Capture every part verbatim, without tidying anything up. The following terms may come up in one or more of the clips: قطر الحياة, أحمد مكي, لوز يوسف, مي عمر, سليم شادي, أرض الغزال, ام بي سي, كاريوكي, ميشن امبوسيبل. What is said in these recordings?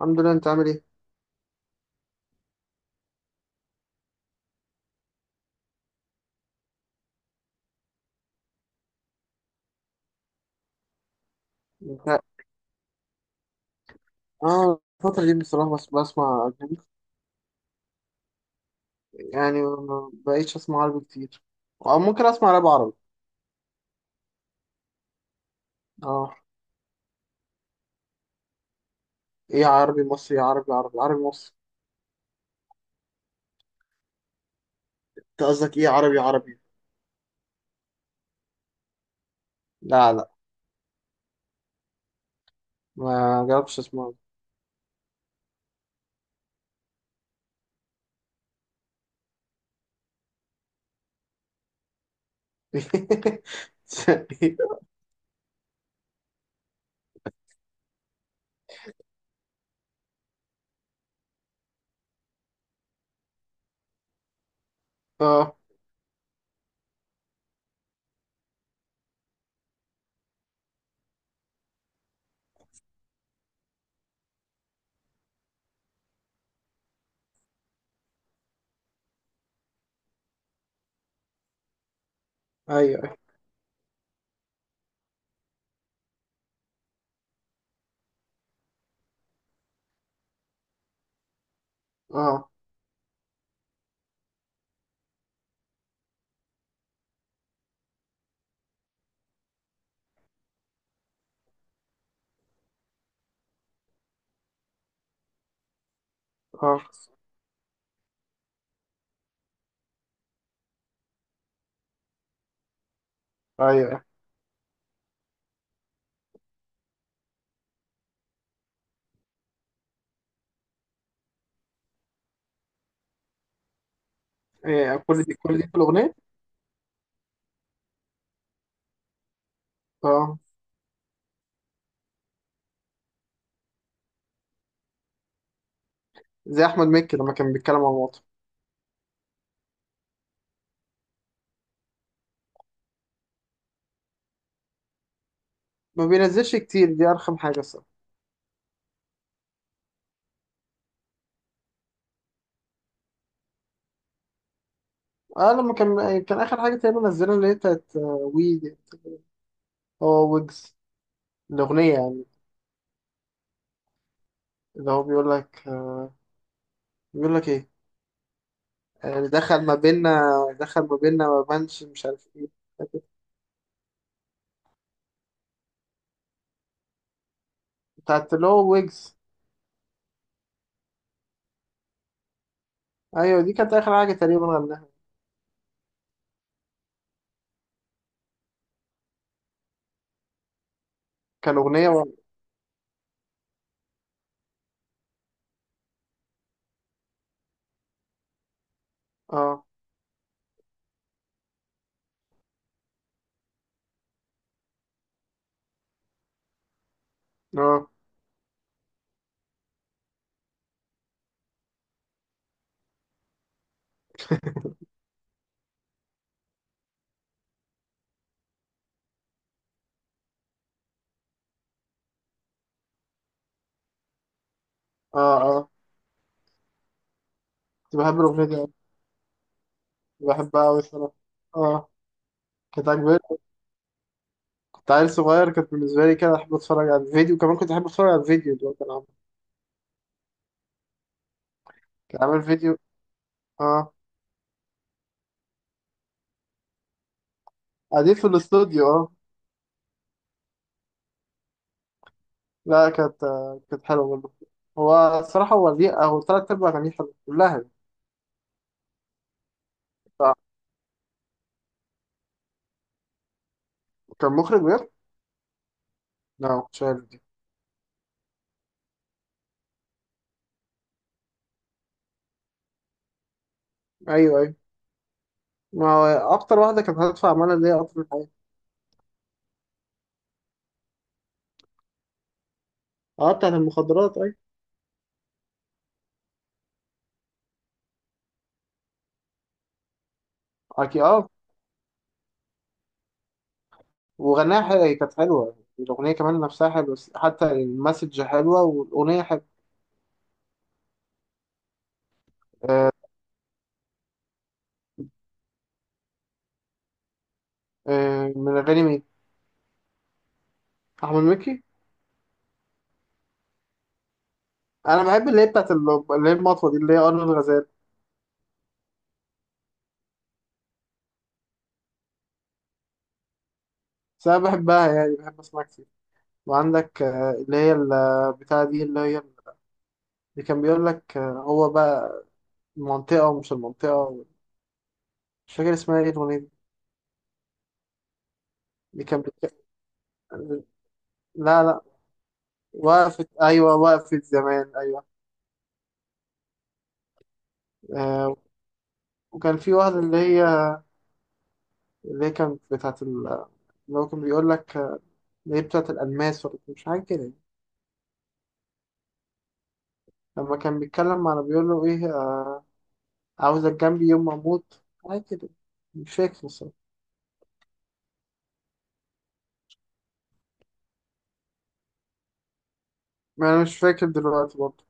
الحمد لله، انت عامل ايه؟ انت اه الفترة دي بصراحة بس بسمع أجنبي. يعني ما بقيتش أسمع عربي كتير، أو ممكن أسمع راب عربي. اه، ايه، عربي مصري، عربي عربي، عربي مصري. انت قصدك ايه عربي عربي؟ لا لا، ما جربتش أسمع. اه، ايوه. اه. اه، ايوه. ايه، كل دي كل دي في الأغنية؟ اه. زي أحمد مكي لما كان بيتكلم عن الوطن. ما بينزلش كتير، دي أرخم حاجة الصراحة. اه، لما كان كان اخر حاجه تقريبا نزلها اللي هي بتاعت آه، وي. هو ويجز، الأغنية يعني، اللي هو بيقول لك آه، بيقول لك إيه. آه، دخل ما بيننا، دخل ما بيننا، ما بانش مش عارف إيه. بتاعت اللي هو ويجز. أيوة دي كانت آخر حاجة تقريبا غناها. كان أغنية و... آه. آه. آه. آه. كنت بحب الأغنية دي أوي. كنت بحبها أوي الصراحة. آه. كانت عجباني. كنت عيل صغير، كانت بالنسبة لي كده أحب أتفرج على الفيديو كمان، كنت أحب أتفرج على الفيديو اللي هو كان عامل. كان عامل فيديو. آه. قاعدين في الاستوديو، آه. لا، كانت كانت حلوة برضه. هو الصراحة، هو ليه، هو تلات أرباع أغانيه حلوة كلها يعني. كان مخرج بجد؟ لا مش عارف دي. أيوه أيوه. ما هو أكتر واحدة كانت هتدفع عمالة اللي هي قطر الحياة. أه، بتاعت المخدرات أيوه. أكيد أه. وغناها حلوة، هي كانت حلوة الأغنية كمان، نفسها حلوة، بس حتى المسج حلوة والأغنية حلوة. آه. آه، من أغاني مين؟ أحمد مكي؟ أنا بحب اللي هي بتاعت ال- اللي هي المطوة دي اللي هي أرض الغزال. بس أنا بحبها، يعني بحب أسمعها كتير. وعندك آه، اللي هي ال- بتاع دي اللي هي اللي كان بيقول لك آه، هو بقى المنطقة ومش المنطقة. مش فاكر اسمها ايه الأغنية دي. اللي كان بيتك... لا لا. وقفت، أيوة، وقفت زمان أيوة. آه. وكان في واحدة اللي هي اللي هي كانت بتاعت ال... اللي هو كان بيقول لك آه، اللي هي بتاعت الألماس ولا مش حاجة كده. لما كان بيتكلم على بيقول له إيه آه، عاوزك جنبي يوم ما أموت، حاجة كده. مش فاكر الصراحة. ما أنا مش فاكر دلوقتي برضه.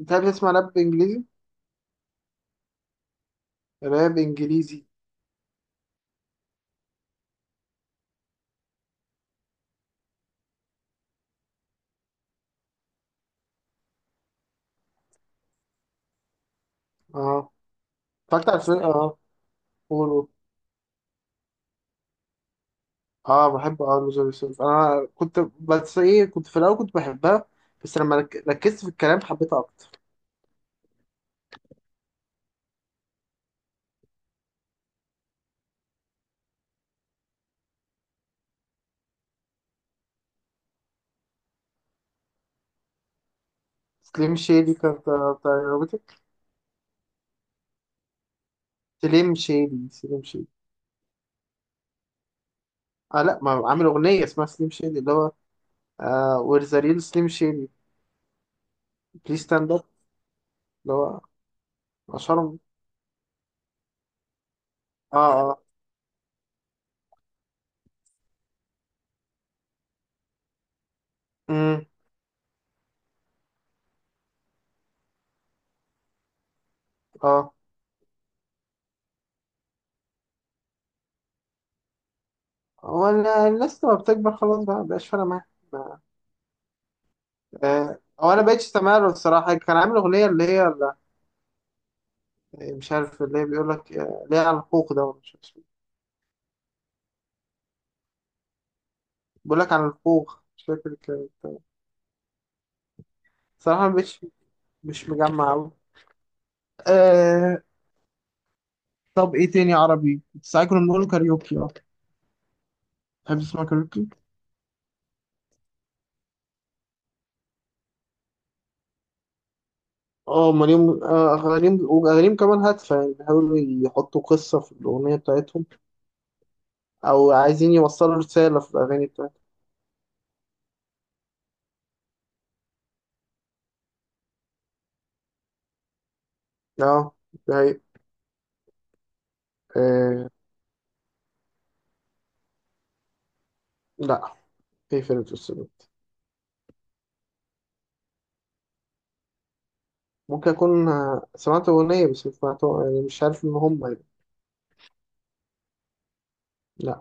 أنت بتسمع راب إنجليزي؟ راب إنجليزي. أه، اتفرجت على الفيلم، أه. قول قول. اه، بحب. اه، لوز يوسف. انا كنت، بس ايه، كنت في الاول كنت بحبها، بس لما رك- ركزت في الكلام حبيتها اكتر. سليم شادي كانت بتاع عربيتك. سليم شادي سليم شادي. اه لا، ما عامل اغنيه اسمها سليم شادي، اللي هو آه وير ذا ريل سليم شادي، بليز ستاند اب. اللي هو اشهرهم. اه. اه. امم اه. هو أنا الناس لما بتكبر خلاص بقى مبقاش فارقه معاها. ما- آه، هو انا بقيتش سامع له الصراحه، كان عامل اغنيه اللي هي اللي مش عارف اللي هي بيقول لك آه، اللي هي على الحقوق ده ولا مش عارف. بقول لك على الخوخ، مش فاكر كانت، صراحة مش مش مجمع أوي. آه. طب إيه تاني عربي؟ ساعات كنا بنقول كاريوكي، أه. تحب تسمع كاريوكي؟ أه، أمال، آه أغانيهم وأغانيهم كمان هادفة، يعني بيحاولوا يحطوا قصة في الأغنية بتاعتهم، أو عايزين يوصلوا رسالة في الأغاني بتاعتهم. أه. ده هي- آه. لأ. في فرقة السلوك. ممكن أكون آه، سمعت أغنية، بس مش سمعتها يعني، مش عارف إن هم يعني. لأ.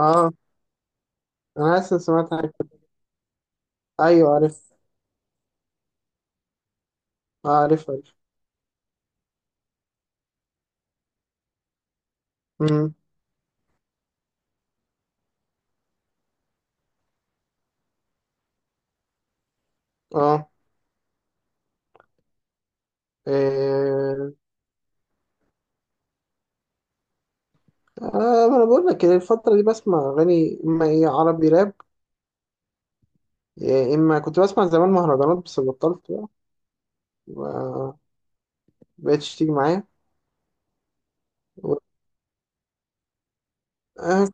أه. أنا حاسس إن سمعت حاجة. أيوه عارف. آه، عارف. عارف. اه. إيه. آه ما انا بقول لك الفترة دي بسمع اغاني، اما ايه، عربي راب. إيه، اما كنت بسمع زمان مهرجانات بس بطلت بقى، ما بقتش تيجي معايا. و... آه.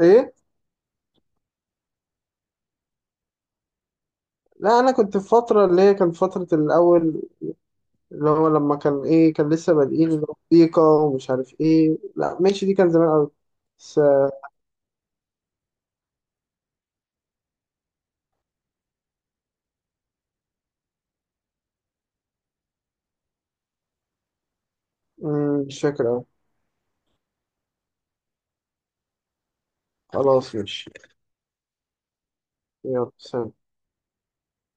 ايه. لا انا كنت في فترة اللي هي كانت فترة الاول، اللي هو لما كان ايه، كان لسه بادئين اللي هو موسيقى، ومش عارف ايه، لا ماشي، دي كان زمان قوي. بس آه، مم، مش فاكر أوي. خلاص ماشي. يلا سلام.